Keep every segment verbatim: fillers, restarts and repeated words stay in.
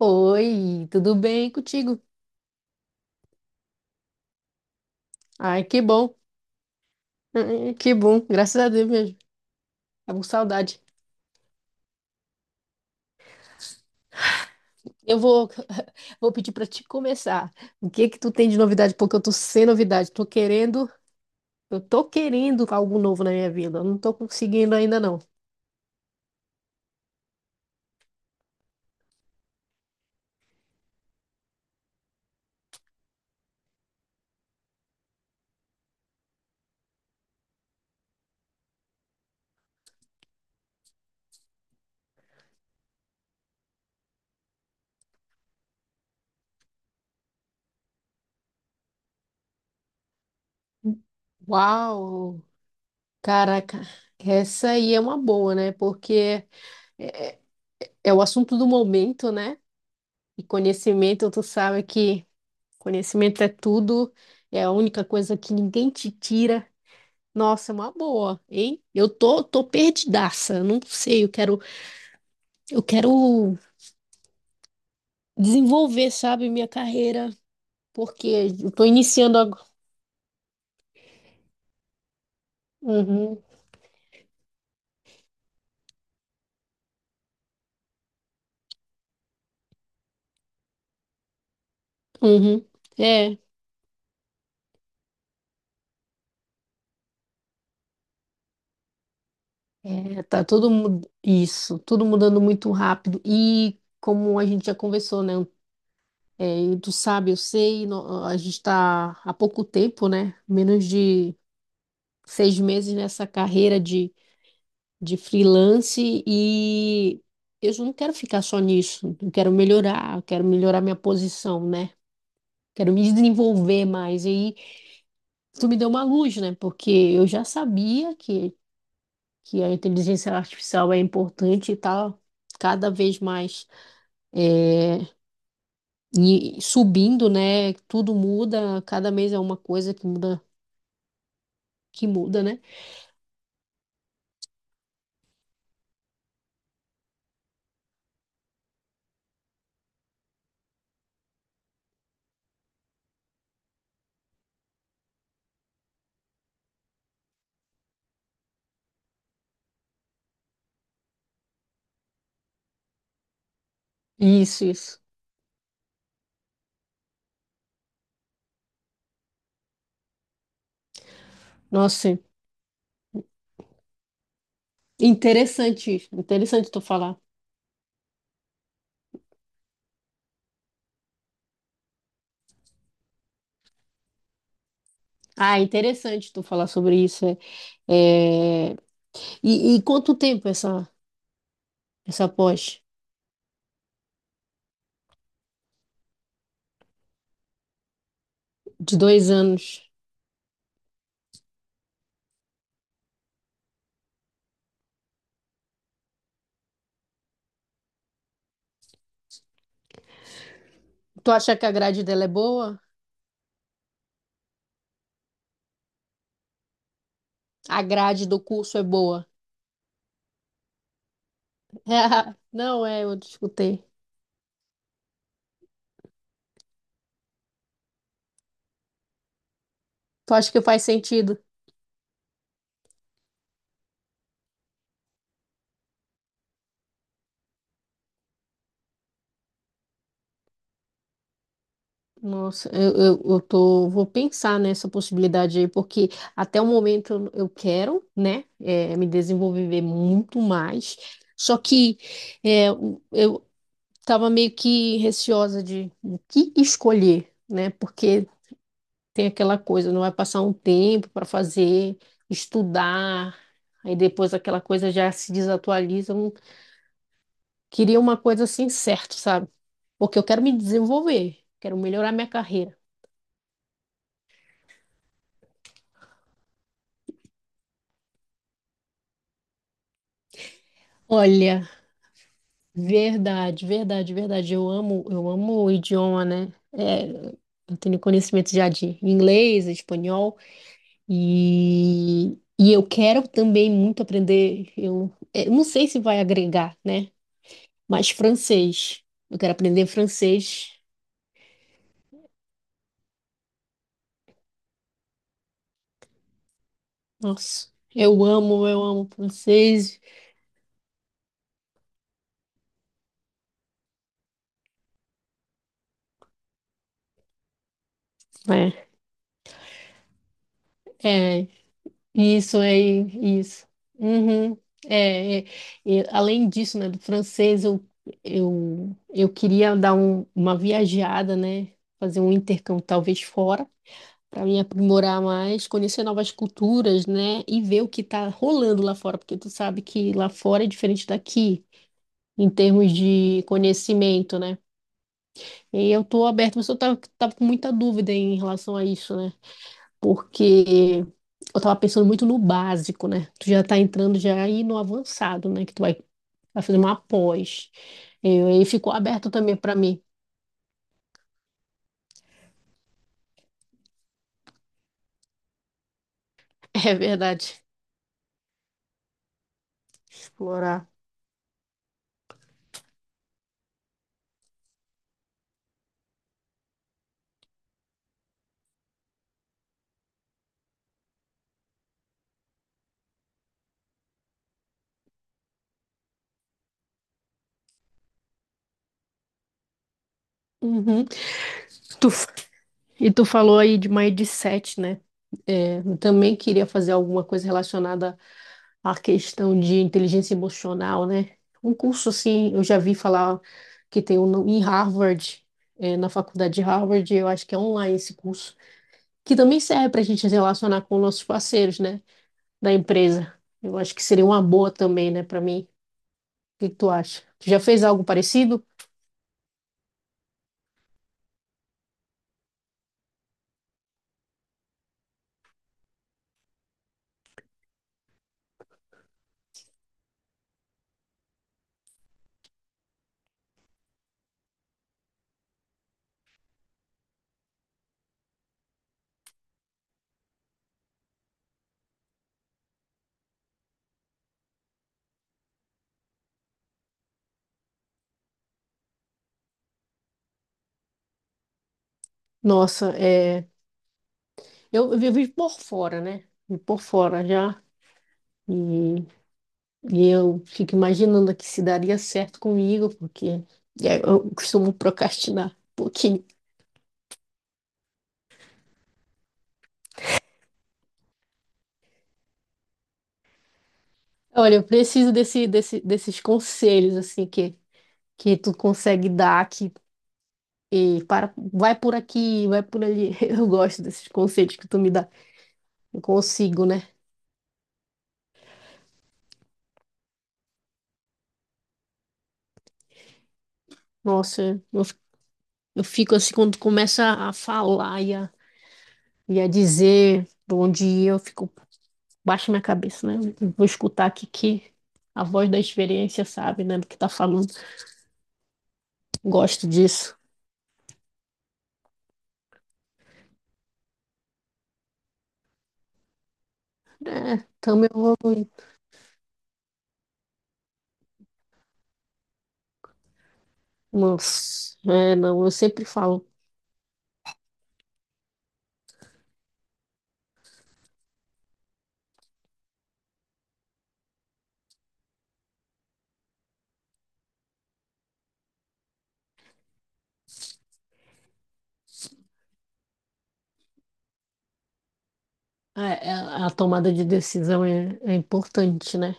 Oi, tudo bem contigo? Ai, que bom. Hum, Que bom, graças a Deus mesmo. Tava com saudade. Eu vou, vou pedir pra te começar. O que que tu tem de novidade? Porque eu tô sem novidade. Tô querendo, eu tô querendo algo novo na minha vida. Eu não tô conseguindo ainda não. Uau! Caraca, essa aí é uma boa, né? Porque é, é é o assunto do momento, né? E conhecimento, tu sabe que conhecimento é tudo, é a única coisa que ninguém te tira. Nossa, é uma boa, hein? Eu tô, tô perdidaça, eu não sei, eu quero, eu quero desenvolver, sabe, minha carreira, porque eu tô iniciando agora. Uhum, uhum. É, é, tá tudo mu- isso, tudo mudando muito rápido e como a gente já conversou, né? É, e tu sabe, eu sei, no- a gente tá há pouco tempo, né? Menos de seis meses nessa carreira de de freelance e eu não quero ficar só nisso, eu quero melhorar, eu quero melhorar minha posição, né? Quero me desenvolver mais. E aí, tu me deu uma luz, né? Porque eu já sabia que, que a inteligência artificial é importante e tá cada vez mais é, e subindo, né? Tudo muda, cada mês é uma coisa que muda, que muda, né? Isso, isso. Nossa, interessante, interessante tu falar. Ah, é interessante tu falar sobre isso. É. É, E, e quanto tempo essa, essa pós? De dois anos. Tu acha que a grade dela é boa? A grade do curso é boa? Não é, eu escutei. Tu acha que faz sentido? Nossa, eu, eu, eu tô, vou pensar nessa possibilidade aí, porque até o momento eu eu quero, né, é, me desenvolver muito mais. Só que é, eu, tava meio que receosa de o que escolher, né? Porque tem aquela coisa, não vai passar um tempo para fazer, estudar, aí depois aquela coisa já se desatualiza. Eu não queria uma coisa assim certa, sabe? Porque eu quero me desenvolver, quero melhorar minha carreira. Olha, verdade, verdade, verdade. Eu amo, eu amo o idioma, né? É, eu tenho conhecimento já de inglês, espanhol. E, e eu quero também muito aprender. Eu, é, eu não sei se vai agregar, né? Mas francês. Eu quero aprender francês. Nossa, eu amo, eu amo francês. É, é isso é isso. Uhum, é, é. E além disso, né, do francês, eu, eu, eu queria dar um- uma viajada, né? Fazer um intercâmbio talvez fora, para me aprimorar mais, conhecer novas culturas, né? E ver o que está rolando lá fora, porque tu sabe que lá fora é diferente daqui, em termos de conhecimento, né? E eu tô aberta, mas eu tava, tava com muita dúvida em relação a isso, né? Porque eu tava pensando muito no básico, né? Tu já tá entrando já aí no avançado, né? Que tu vai, vai fazer uma pós. E aí ficou aberto também para mim. É verdade. Explorar. Uhum. Tu, E tu falou aí de uma édiset, né? É, eu também queria fazer alguma coisa relacionada à questão de inteligência emocional, né? Um curso assim, eu já vi falar que tem um no- em Harvard, é, na faculdade de Harvard, eu acho que é online esse curso, que também serve para a gente se relacionar com nossos parceiros, né? Da empresa. Eu acho que seria uma boa também, né, para mim. O que que tu acha? Tu já fez algo parecido? Nossa, é, eu, eu vivo por fora, né? Vivo por fora já. E e eu fico imaginando aqui se daria certo comigo, porque é, eu costumo procrastinar um pouquinho. Olha, eu preciso desse, desse- desses conselhos, assim, que, que tu consegue dar, que e para, vai por aqui, vai por ali. Eu gosto desses conselhos que tu me dá. Eu consigo, né? Nossa, eu, f- eu fico assim, quando tu começa a falar e a, e a dizer pra onde ir, eu fico, baixo minha cabeça, né? Eu vou escutar aqui que a voz da experiência sabe, né, do que tá falando. Gosto disso. É, também evoluindo. Mas, é, não, eu sempre falo, é, é, a, tomada de decisão é, é importante, né?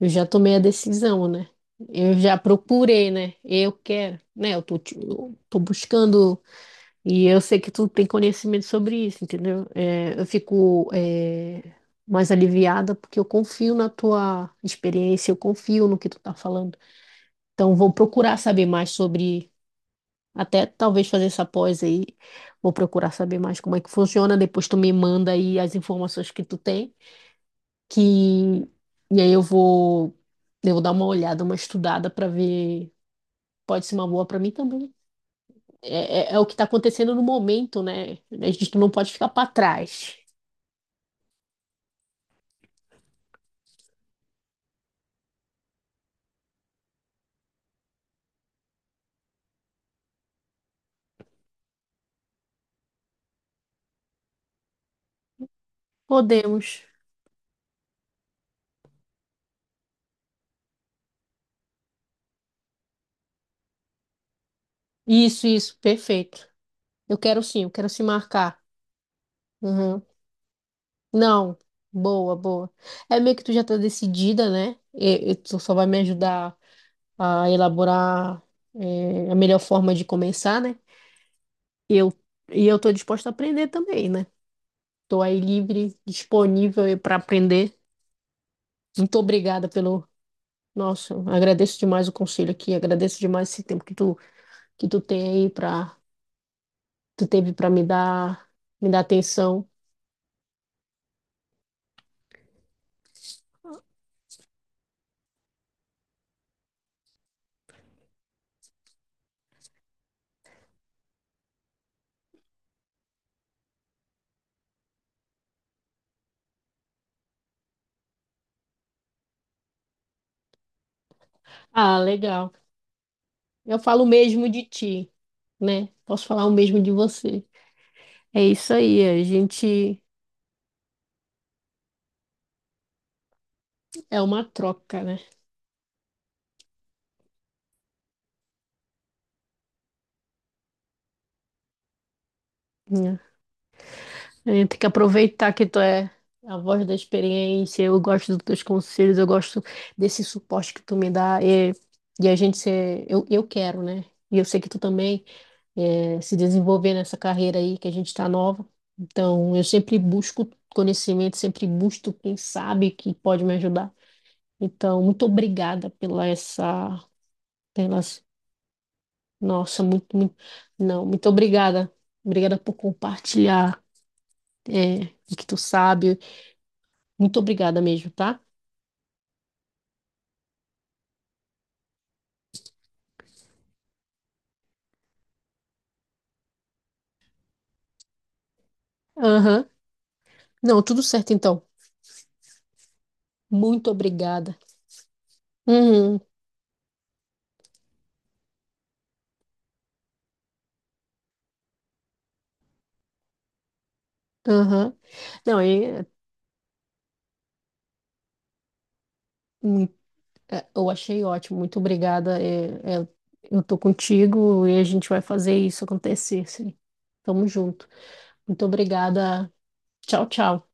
Eu já tomei a decisão, né? Eu já procurei, né? Eu quero, né? Eu tô, te- eu tô buscando e eu sei que tu tem conhecimento sobre isso, entendeu? É, eu fico, é, mais aliviada porque eu confio na tua experiência, eu confio no que tu tá falando. Então, vou procurar saber mais sobre, até talvez fazer essa pós aí. Vou procurar saber mais como é que funciona. Depois tu me manda aí as informações que tu tem. Que... E aí eu vou, eu vou dar uma olhada, uma estudada para ver. Pode ser uma boa para mim também. É, é- é o que está acontecendo no momento, né? A gente não pode ficar para trás. Podemos. Isso, isso, perfeito. Eu quero sim, eu quero se marcar. Uhum. Não, boa, boa. É meio que tu já tá decidida, né? E, e tu só vai me ajudar a elaborar eh, a melhor forma de começar, né? eu, e eu estou disposta a aprender também, né? Estou aí livre, disponível para aprender. Muito obrigada pelo. Nossa, agradeço demais o conselho aqui, agradeço demais esse tempo que tu, que tu tem aí para tu teve para me dar, me dar atenção. Ah, legal. Eu falo o mesmo de ti, né? Posso falar o mesmo de você. É isso aí, a gente é uma troca, né? É, tem que aproveitar que tu é a voz da experiência, eu gosto dos teus conselhos, eu gosto desse suporte que tu me dá, e, e a gente ser, eu, eu quero, né? E eu sei que tu também é, se desenvolver nessa carreira aí, que a gente tá nova. Então, eu sempre busco conhecimento, sempre busco quem sabe que pode me ajudar. Então, muito obrigada pela essa, pelas, nossa, muito, muito, não, muito obrigada. Obrigada por compartilhar é, o que tu sabe. Muito obrigada mesmo, tá? Aham. Não, tudo certo então. Muito obrigada. Uhum. Aham. Não, é, mui- é, eu achei ótimo. Muito obrigada. É, é, eu tô contigo e a gente vai fazer isso acontecer, sim. Tamo junto. Muito obrigada. Tchau, tchau.